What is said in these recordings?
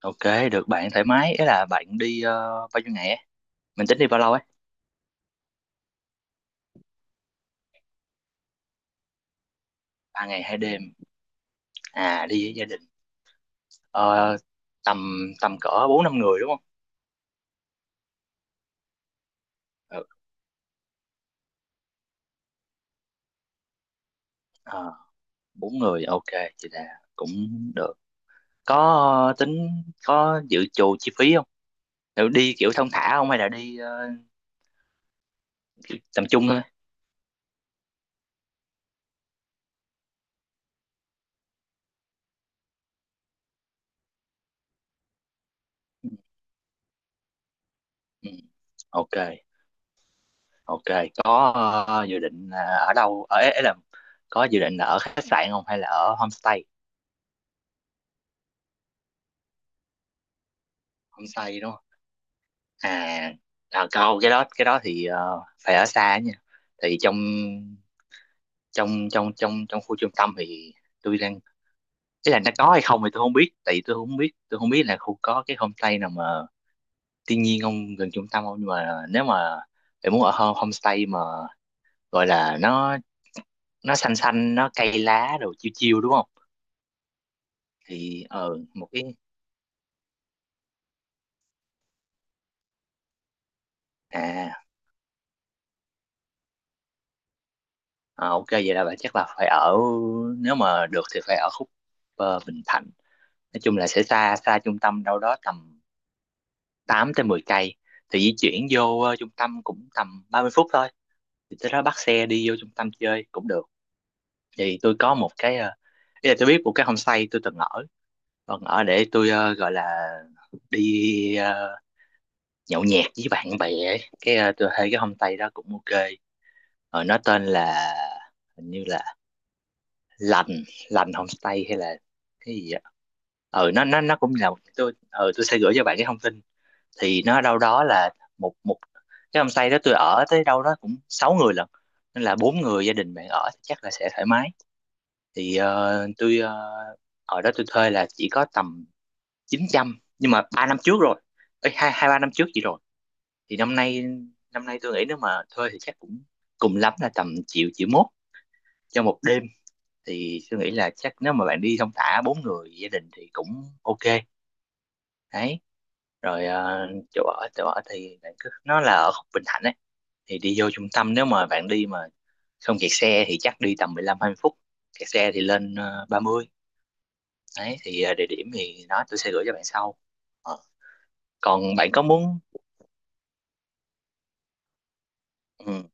Ok, được bạn thoải mái. Ý là bạn đi bao nhiêu ngày ấy? Mình tính đi bao lâu ấy? 3 ngày 2 đêm. À, đi với gia đình. Ờ, tầm tầm cỡ bốn năm người đúng không? Ừ. Ờ, Bốn người, ok, chị là cũng được. Có tính có dự trù chi phí không? Kiểu đi kiểu thong thả không hay là đi kiểu tầm trung thôi? Ừ. Ừ. Ok, ok. Có dự định là ở đâu? Ở ấy là có dự định là ở khách sạn không hay là ở homestay? Homestay đúng không? À, à câu cái đó thì phải ở xa nha. Tại vì trong trong trong trong trong khu trung tâm thì tôi đang, ý là nó có hay không thì tôi không biết. Tại vì tôi không biết là khu có cái homestay nào mà thiên nhiên không gần trung tâm không. Nhưng mà nếu mà bạn muốn ở homestay mà gọi là nó xanh xanh, nó cây lá rồi chiêu chiêu đúng không thì một cái. À, à ok, vậy là bạn chắc là phải ở, nếu mà được thì phải ở khúc Bình Thạnh, nói chung là sẽ xa xa trung tâm đâu đó tầm 8 tới 10 cây. Thì di chuyển vô trung tâm cũng tầm 30 phút thôi, thì tới đó bắt xe đi vô trung tâm chơi cũng được. Thì tôi có một cái ý là tôi biết một cái homestay tôi từng ở, còn ở để tôi gọi là đi nhậu nhẹt với bạn bè ấy. Cái tôi thấy cái homestay đó cũng ok. Nó tên là, hình như là lành lành homestay hay là cái gì ạ. Ừ, nó cũng là một- tôi tôi sẽ gửi cho bạn cái thông tin. Thì nó đâu đó là một một cái homestay đó tôi ở tới đâu đó cũng sáu người lận, nên là bốn người gia đình bạn ở thì chắc là sẽ thoải mái. Thì ở đó tôi thuê là chỉ có tầm 900 nhưng mà 3 năm trước rồi. Ê, hai hai ba năm trước gì rồi. Thì năm nay, năm nay tôi nghĩ nếu mà thuê thì chắc cũng cùng lắm là tầm triệu, triệu mốt cho một đêm. Thì tôi nghĩ là chắc nếu mà bạn đi thong thả bốn người gia đình thì cũng ok đấy. Rồi chỗ ở, chỗ ở thì bạn cứ nó là ở khúc Bình Thạnh ấy. Thì đi vô trung tâm nếu mà bạn đi mà không kẹt xe thì chắc đi tầm 15 20 phút, kẹt xe thì lên 30. Đấy thì địa điểm thì đó tôi sẽ gửi cho bạn sau. Ờ, còn bạn có muốn, ừ,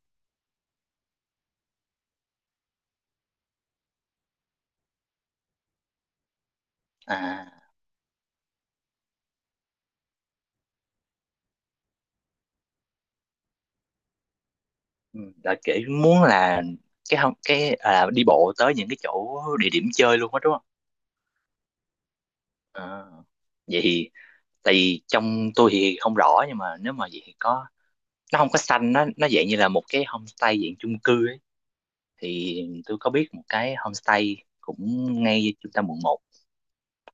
à ừ, đợi kỹ muốn là cái không, cái đi bộ tới những cái chỗ địa điểm chơi luôn á đúng không. Ờ, vậy thì, tại vì trong tôi thì không rõ nhưng mà nếu mà vậy thì có, nó không có xanh, nó dạng như là một cái homestay dạng chung cư ấy. Thì tôi có biết một cái homestay cũng ngay trung tâm quận 1,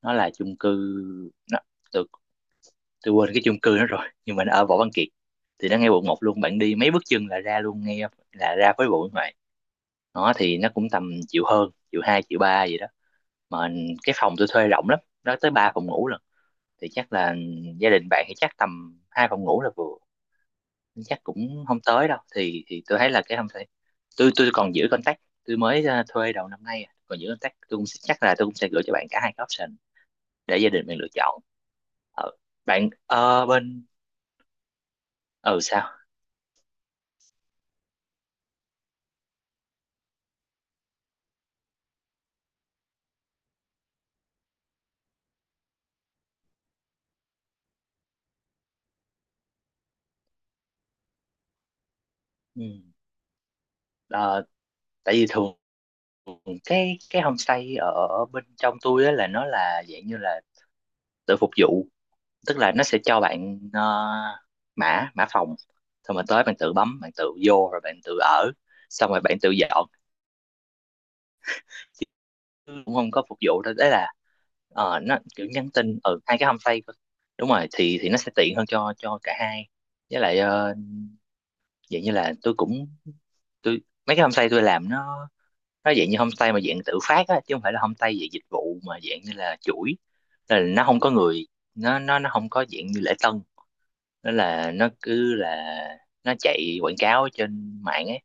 nó là chung cư. nó, tôi, tôi quên cái chung cư nó rồi nhưng mà nó ở Võ Văn Kiệt. Thì nó ngay quận 1 luôn, bạn đi mấy bước chân là ra luôn ngay, là ra với bộ ngoài. Nó thì nó cũng tầm triệu hơn, triệu hai, triệu ba gì đó mà. Cái phòng tôi thuê rộng lắm, nó tới ba phòng ngủ lần, thì chắc là gia đình bạn thì chắc tầm hai phòng ngủ là vừa, chắc cũng không tới đâu. Thì tôi thấy là cái không thể, tôi còn giữ contact. Tôi mới thuê đầu năm nay à, còn giữ contact. Chắc là tôi cũng sẽ gửi cho bạn cả hai cái option để gia đình mình lựa chọn. Ờ, bạn bên. Ừ sao? Ừ. Ờ, tại vì thường cái homestay ở bên trong tôi á là nó là dạng như là tự phục vụ. Tức là nó sẽ cho bạn mã mã phòng, xong rồi tới bạn tự bấm, bạn tự vô rồi bạn tự ở, xong rồi bạn tự dọn, cũng không có phục vụ đâu. Đấy là nó kiểu nhắn tin ở hai cái homestay cơ. Đúng rồi thì nó sẽ tiện hơn cho cả hai. Với lại vậy như là tôi cũng, tôi mấy cái homestay tôi làm nó dạng như homestay mà dạng tự phát á chứ không phải là homestay dạng dịch vụ mà dạng như là chuỗi. Nên là nó không có người, nó không có dạng như lễ tân. Nó cứ là nó chạy quảng cáo trên mạng ấy.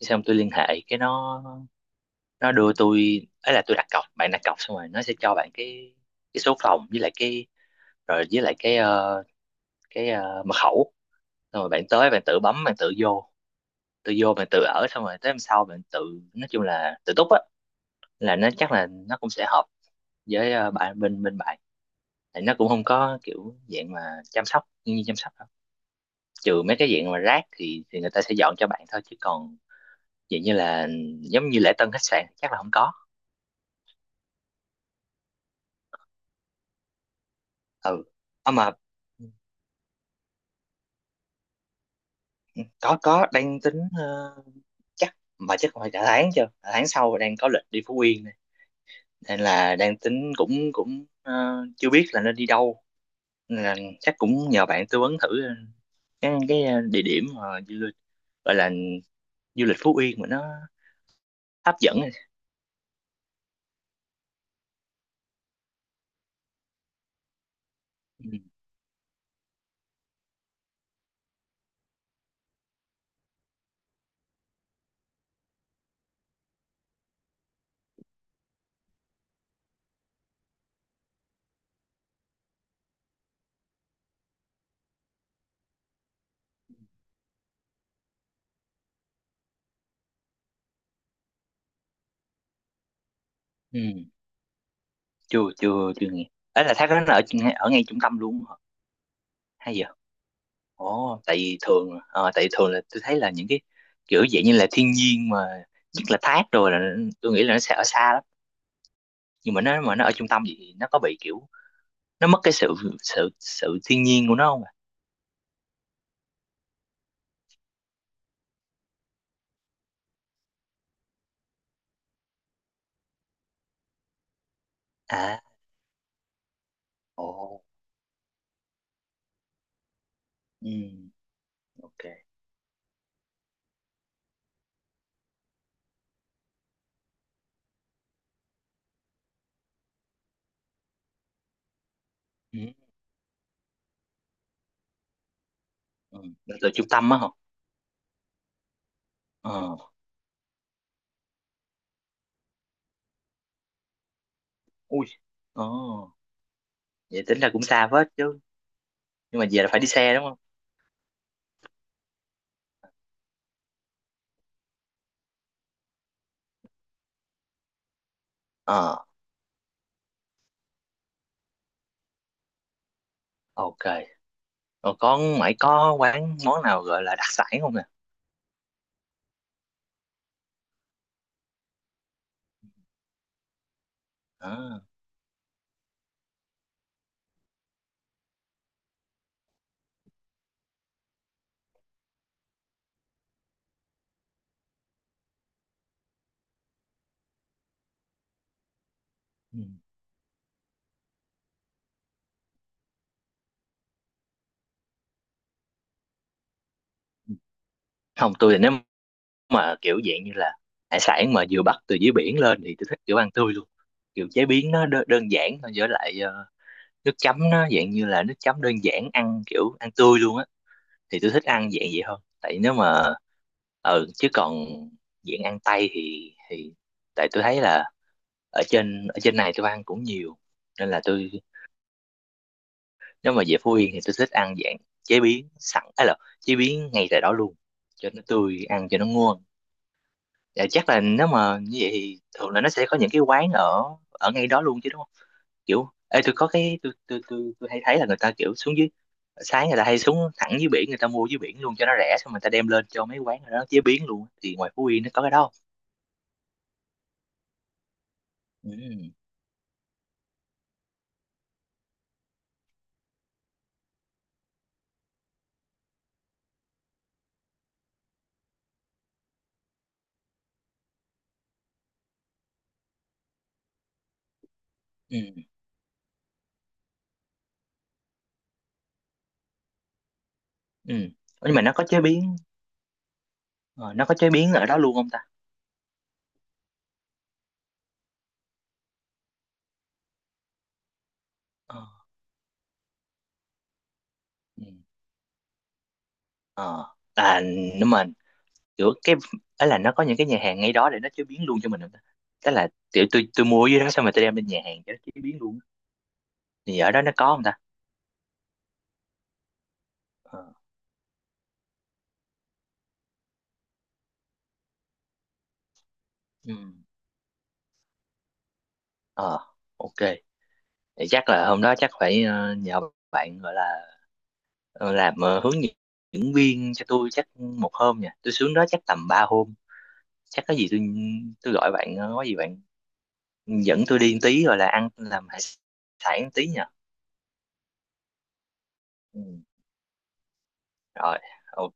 Cái xong tôi liên hệ cái nó đưa tôi ấy là tôi đặt cọc, bạn đặt cọc xong rồi nó sẽ cho bạn cái, số phòng với lại cái, rồi với lại cái mật khẩu. Xong rồi bạn tới bạn tự bấm, bạn tự vô, tự vô mình tự ở, xong rồi tới hôm sau mình tự. Nói chung là tự túc á, là nó chắc là nó cũng sẽ hợp với bạn, bên bên bạn. Tại nó cũng không có kiểu dạng mà chăm sóc như chăm sóc đâu. Trừ mấy cái dạng mà rác thì người ta sẽ dọn cho bạn thôi, chứ còn dạng như là giống như lễ tân khách sạn chắc là không có. Ừ. À mà, ừ, có đang tính chắc mà chắc phải cả tháng, chưa cả tháng sau đang có lịch đi Phú Yên này. Nên là đang tính cũng cũng chưa biết là nên đi đâu, là chắc cũng nhờ bạn tư vấn thử cái địa điểm mà du lịch, gọi là du lịch Phú Yên mà nó hấp dẫn. Ừ. Ừ. Chưa, chưa, chưa nghe. Ấy là thác đó nó ở ở ngay trung tâm luôn hả? Hay giờ. Ồ, tại vì thường, là tôi thấy là những cái kiểu dạng như là thiên nhiên mà nhất là thác rồi là, tôi nghĩ là nó sẽ ở xa lắm. Nhưng mà nó ở trung tâm thì nó có bị kiểu, nó mất cái sự, sự thiên nhiên của nó không ạ. À. Ồ. Ừ. Ok. Ừ. Ừ. Nó từ trung tâm á hả? ờ Ui, đó, vậy tính là cũng xa phết chứ. Nhưng mà về là phải đi xe đúng không. ờ ok, rồi con mày có quán món nào gọi là đặc sản không nè? Đó. Ừ. Không, tôi thì nếu mà kiểu dạng như là hải sản mà vừa bắt từ dưới biển lên thì tôi thích kiểu ăn tươi luôn, kiểu chế biến nó đơn giản thôi với lại nước chấm nó dạng như là nước chấm đơn giản, ăn kiểu ăn tươi luôn á. Thì tôi thích ăn dạng vậy hơn. Tại nếu mà, chứ còn dạng ăn tây thì tại tôi thấy là ở trên này tôi ăn cũng nhiều. Nên là tôi, nếu mà về Phú Yên thì tôi thích ăn dạng chế biến sẵn ấy, là chế biến ngay tại đó luôn cho nó tươi ăn cho nó ngon. Dạ, chắc là nếu mà như vậy thì thường là nó sẽ có những cái quán ở ở ngay đó luôn chứ đúng không. Kiểu ê tôi có cái, tôi hay thấy là người ta kiểu xuống dưới, sáng người ta hay xuống thẳng dưới biển người ta mua dưới biển luôn cho nó rẻ, xong người ta đem lên cho mấy quán đó chế biến luôn, thì ngoài Phú Yên nó có cái đó. Ừ. Ừ. Ừ. Nhưng mà nó có chế biến ở đó luôn không ta? Ờ. Ừ. Ờ. À, nhưng mà kiểu cái, ấy là nó có những cái nhà hàng ngay đó để nó chế biến luôn cho mình không ta? Tức là kiểu tôi mua ở dưới đó xong rồi tôi đem lên nhà hàng cho nó chế biến luôn thì ở đó nó có không ta? Ờ. Ừ. Ờ. Ok. Thì chắc là hôm đó chắc phải nhờ bạn gọi là ờ, làm hướng dẫn viên cho tôi chắc một hôm nha. Tôi xuống đó chắc tầm 3 hôm, chắc có gì tôi gọi bạn có gì bạn dẫn tôi đi một tí rồi là ăn làm hải sản một tí nha. Ừ. Rồi. Ok.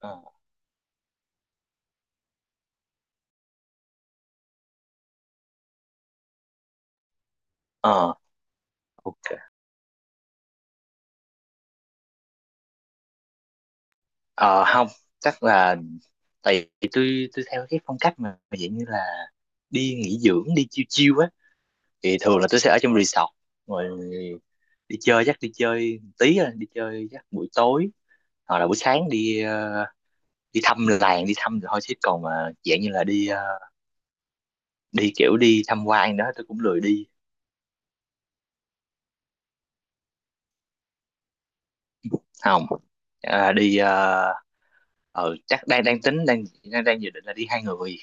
ờ ờ, ok. Ờ Không, chắc là tại vì tôi theo cái phong cách mà dạng như là đi nghỉ dưỡng, đi chiêu chiêu á, thì thường là tôi sẽ ở trong resort rồi đi chơi, chắc đi chơi tí rồi đi chơi chắc buổi tối hoặc là buổi sáng đi đi thăm làng đi thăm rồi thôi. Chứ còn mà dạng như là đi đi kiểu đi tham quan đó tôi cũng lười đi. Không. À, chắc đang đang tính đang đang đang dự định là đi hai người,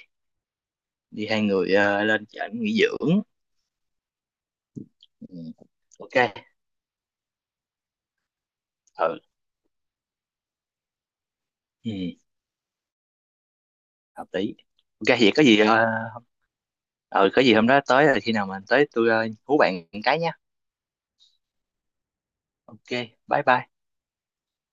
đi hai người lên trển nghỉ dưỡng. Ừ. Ok. Ừ. Ừ hợp lý. Ok vậy có gì ừ có gì hôm đó tới là khi nào mà tới tôi hú bạn cái nha. Ok bye bye.